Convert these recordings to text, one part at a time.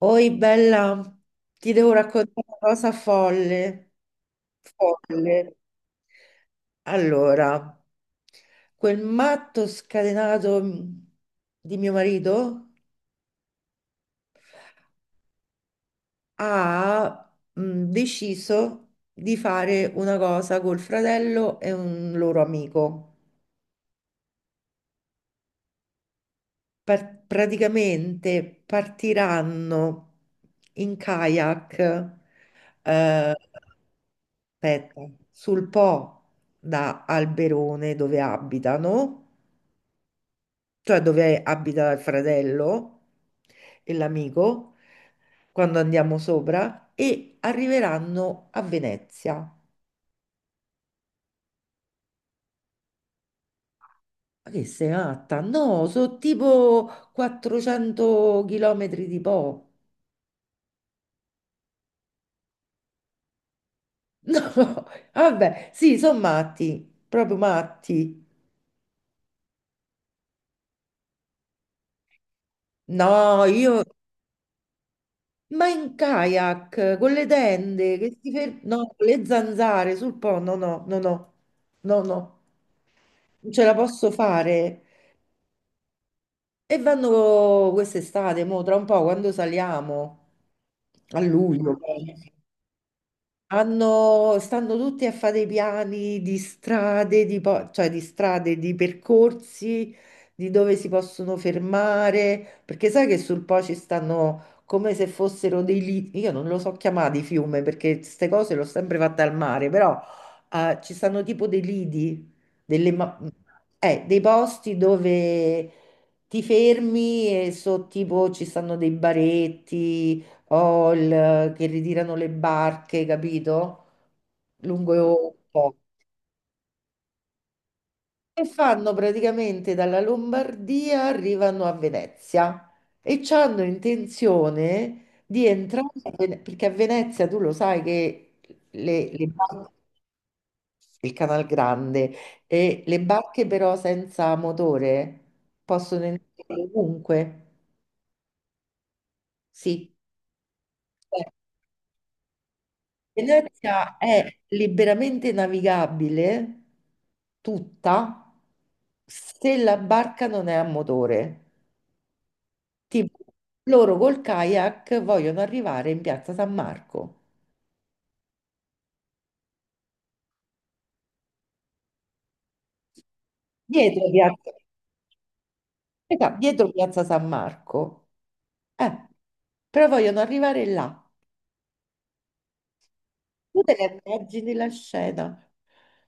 Oi bella, ti devo raccontare una cosa folle. Folle. Allora, quel matto scatenato di mio marito ha deciso di fare una cosa col fratello e un loro amico. Praticamente partiranno in kayak, eh, aspetta, sul Po da Alberone dove abitano, cioè dove abita il fratello e l'amico, quando andiamo sopra, e arriveranno a Venezia. Ma che sei matta? No, sono tipo 400 chilometri di Po. No, vabbè, sì, sono matti, proprio matti. No, io... Ma in kayak, con le tende, no, con le zanzare sul po', no, no, no, no, no, no, non ce la posso fare. E vanno quest'estate, mo, tra un po', quando saliamo, a luglio. Stanno tutti a fare dei piani di strade, cioè di strade, di percorsi, di dove si possono fermare, perché sai che sul Po ci stanno come se fossero dei liti, io non lo so chiamati fiume perché queste cose l'ho sempre fatta al mare, però ci stanno tipo dei lidi, delle ma- dei posti dove ti fermi e so tipo ci stanno dei baretti che ritirano le barche, capito? Lungo un po'. E fanno praticamente dalla Lombardia, arrivano a Venezia e hanno intenzione di entrare, perché a Venezia tu lo sai che le barche, il Canal Grande, e le barche però senza motore possono entrare ovunque, sì. Eh. Venezia è liberamente navigabile tutta se la barca non è a motore. Tipo, loro col kayak vogliono arrivare in Piazza San Marco. Dietro Piazza, aspetta, dietro Piazza San Marco. Eh, però vogliono arrivare là. Tu te ne immagini la scena,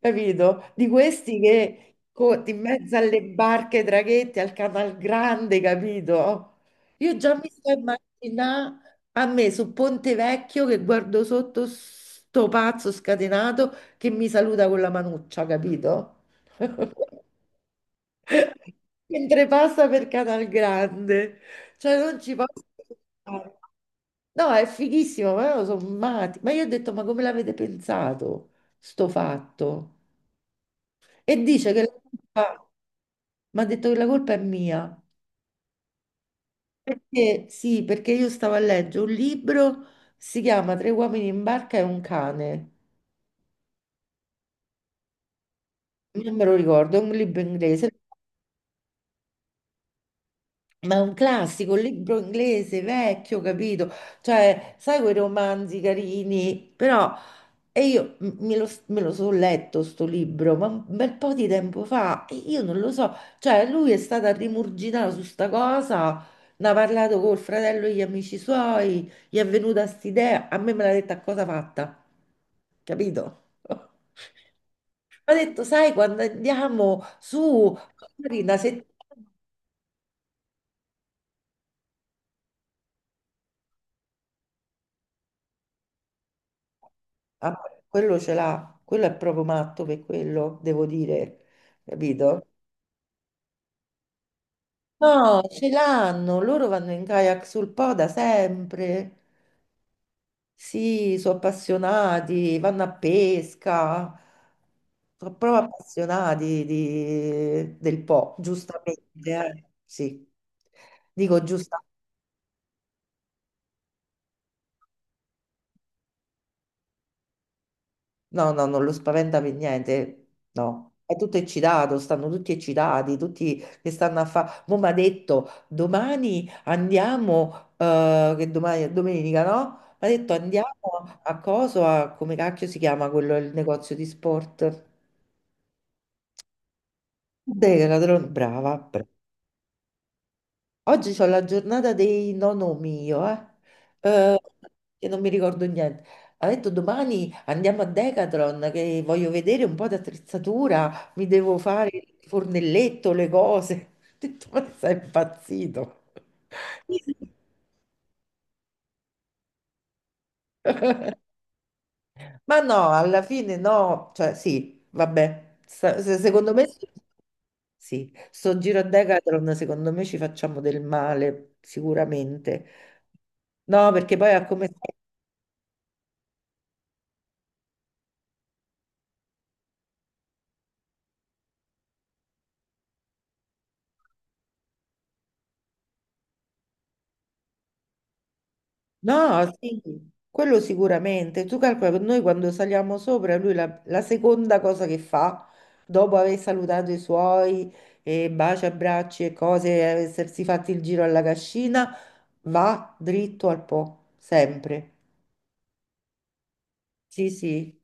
capito? Di questi in mezzo alle barche, ai traghetti, al Canal Grande, capito? Io già mi sto immaginando a me su Ponte Vecchio che guardo sotto sto pazzo scatenato che mi saluta con la manuccia, capito? Mentre passa per Canal Grande, cioè non ci posso pensare. No, è fighissimo, ma loro sono matti. Ma io ho detto, ma come l'avete pensato, sto fatto? E dice che la colpa, mi ha detto che la colpa è mia. Perché, sì, perché io stavo a leggere un libro, si chiama Tre uomini in barca e un cane. Non me lo ricordo, è un libro inglese, ma è un classico, un libro inglese, vecchio, capito? Cioè, sai quei romanzi carini, però e io me lo so letto sto libro, ma un bel po' di tempo fa, e io non lo so, cioè lui è stato a rimurgitare su sta cosa, ne ha parlato col fratello e gli amici suoi, gli è venuta st'idea, a me me l'ha detta a cosa fatta, capito? Mi ha detto, sai, quando andiamo su, magari una settimana. Ah, quello ce l'ha, quello è proprio matto per quello, devo dire, capito? No, ce l'hanno, loro vanno in kayak sul Po da sempre. Sì, sono appassionati, vanno a pesca, sono proprio appassionati del Po, giustamente. Eh. Sì, dico giustamente. No, no, non lo spaventa per niente, no. È tutto eccitato, stanno tutti eccitati, tutti che stanno a fare. Mo' mi ha detto, domani andiamo, che domani è domenica, no? Mi ha detto, andiamo a coso, a, come cacchio si chiama quello, il negozio di sport? Decathlon, brava, brava. Oggi c'ho la giornata dei nonno mio, eh, che non mi ricordo niente. Ha detto domani andiamo a Decathlon che voglio vedere un po' di attrezzatura, mi devo fare il fornelletto, le cose. Ho detto, ma sei impazzito? Ma no, alla fine no, cioè sì, vabbè, secondo me sì, sto giro a Decathlon, secondo me ci facciamo del male, sicuramente. No, perché poi a come, no, sì, quello sicuramente. Tu calcola che noi quando saliamo sopra, lui la seconda cosa che fa, dopo aver salutato i suoi e baci, abbracci e cose, e essersi fatti il giro alla cascina, va dritto al Po, sempre. Sì, sì.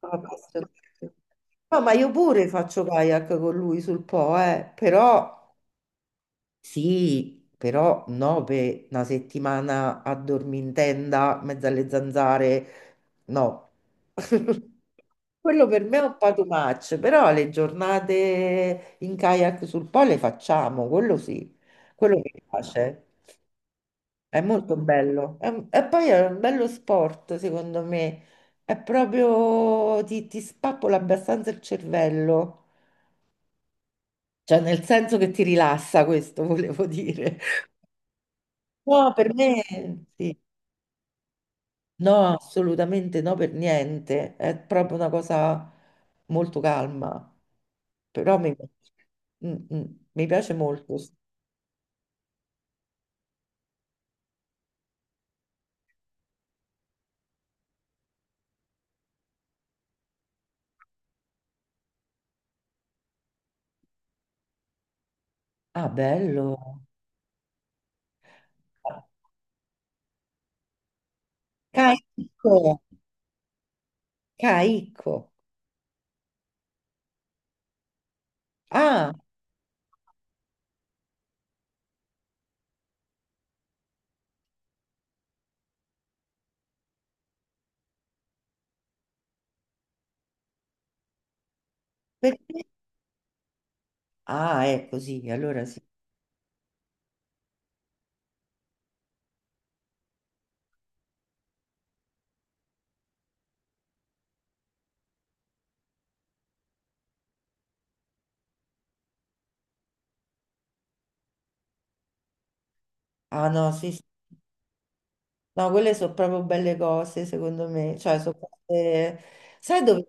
Sono appassionata. No, ma io pure faccio kayak con lui sul Po, però... Sì, però no, per una settimana a dormire in tenda, mezzo alle zanzare, no. Quello per me è un po' too much, però le giornate in kayak sul Po le facciamo, quello sì, quello mi piace, è molto bello. E poi è un bello sport, secondo me, è proprio, ti spappola abbastanza il cervello, cioè nel senso che ti rilassa, questo volevo dire. No, per me sì. No, assolutamente no, per niente. È proprio una cosa molto calma. Però mi piace. Mm, mm, mi piace molto. Ah, bello. Caicco. Caicco. Ah, perché? Ah, è così, allora sì. Ah, no, sì, sì. No, quelle sono proprio belle cose, secondo me. Cioè, sono cose... Sai dove...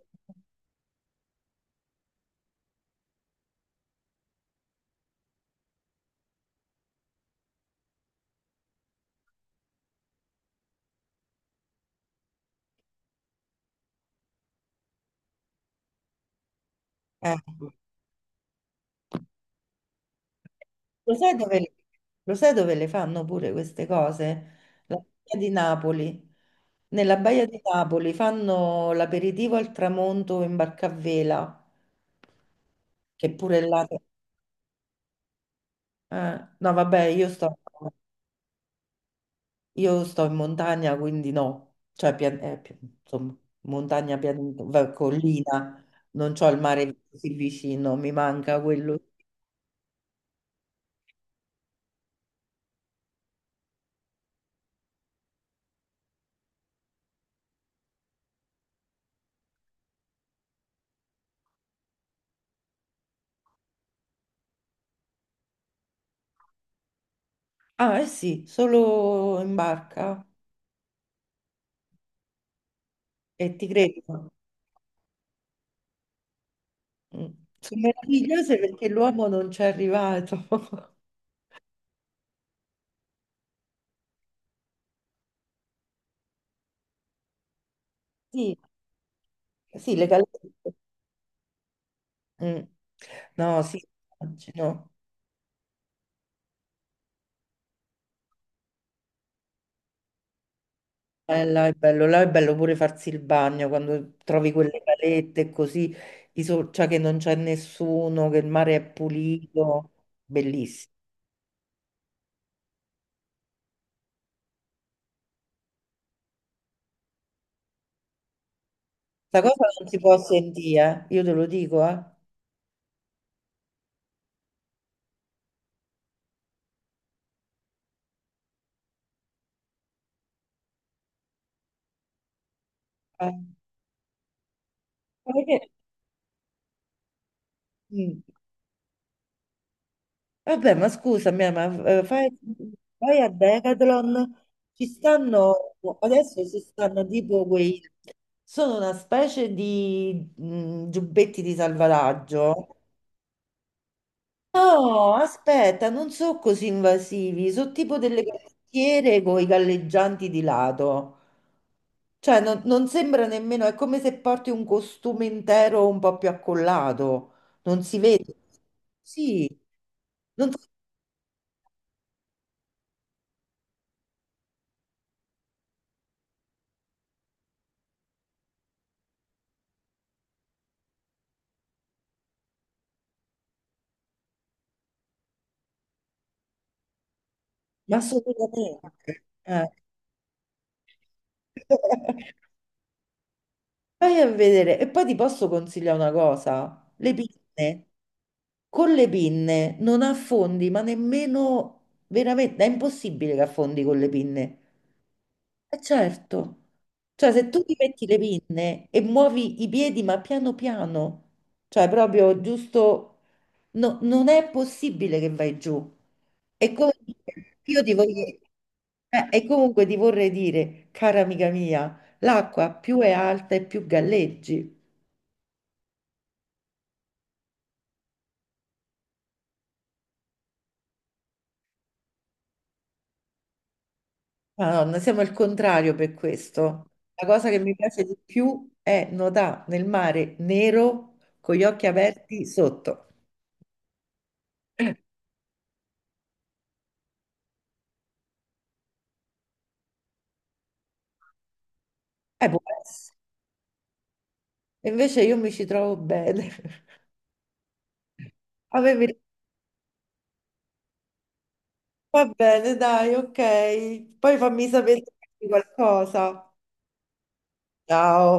Eh, Lo sai dove, lo sai dove le fanno pure queste cose? La Baia di Napoli. Nella Baia di Napoli fanno l'aperitivo al tramonto in barca a vela, che pure là... no, vabbè, io sto in montagna, quindi no. Cioè, insomma, montagna, collina, non c'ho il mare così vicino, mi manca quello. Ah, eh sì, solo in barca. E ti credo. Mm. Sono meravigliose perché l'uomo non ci è arrivato. Sì, sì, le gallette. Mm. No, sì, immagino. Là è bello pure farsi il bagno quando trovi quelle calette così, cioè che non c'è nessuno, che il mare è pulito, bellissimo. Questa cosa non si può sentire, eh. Io te lo dico, eh. Eh, ma perché? Mm. Vabbè, ma scusami, ma eh, fai- vai a Decathlon, ci stanno, adesso ci stanno tipo quei, sono una specie di giubbetti di salvataggio. No, aspetta, non sono così invasivi, sono tipo delle canottiere con i galleggianti di lato. Cioè, non sembra nemmeno, è come se porti un costume intero un po' più accollato, non si vede. Sì. Non so Ma assolutamente. Vai a vedere. E poi ti posso consigliare una cosa. Le pinne. Con le pinne non affondi, ma nemmeno veramente, è impossibile che affondi con le pinne. Certo. Cioè, se tu ti metti le pinne e muovi i piedi, ma piano piano, cioè proprio giusto, non è possibile che vai giù. E comunque io ti voglio, e comunque ti vorrei dire, cara amica mia, l'acqua più è alta e più galleggi. Madonna, siamo il contrario per questo. La cosa che mi piace di più è nuotare nel mare nero con gli occhi aperti sotto. Eh, può essere. E invece io mi ci trovo bene. A me mi va bene, dai, ok. Poi fammi sapere se hai qualcosa. Ciao.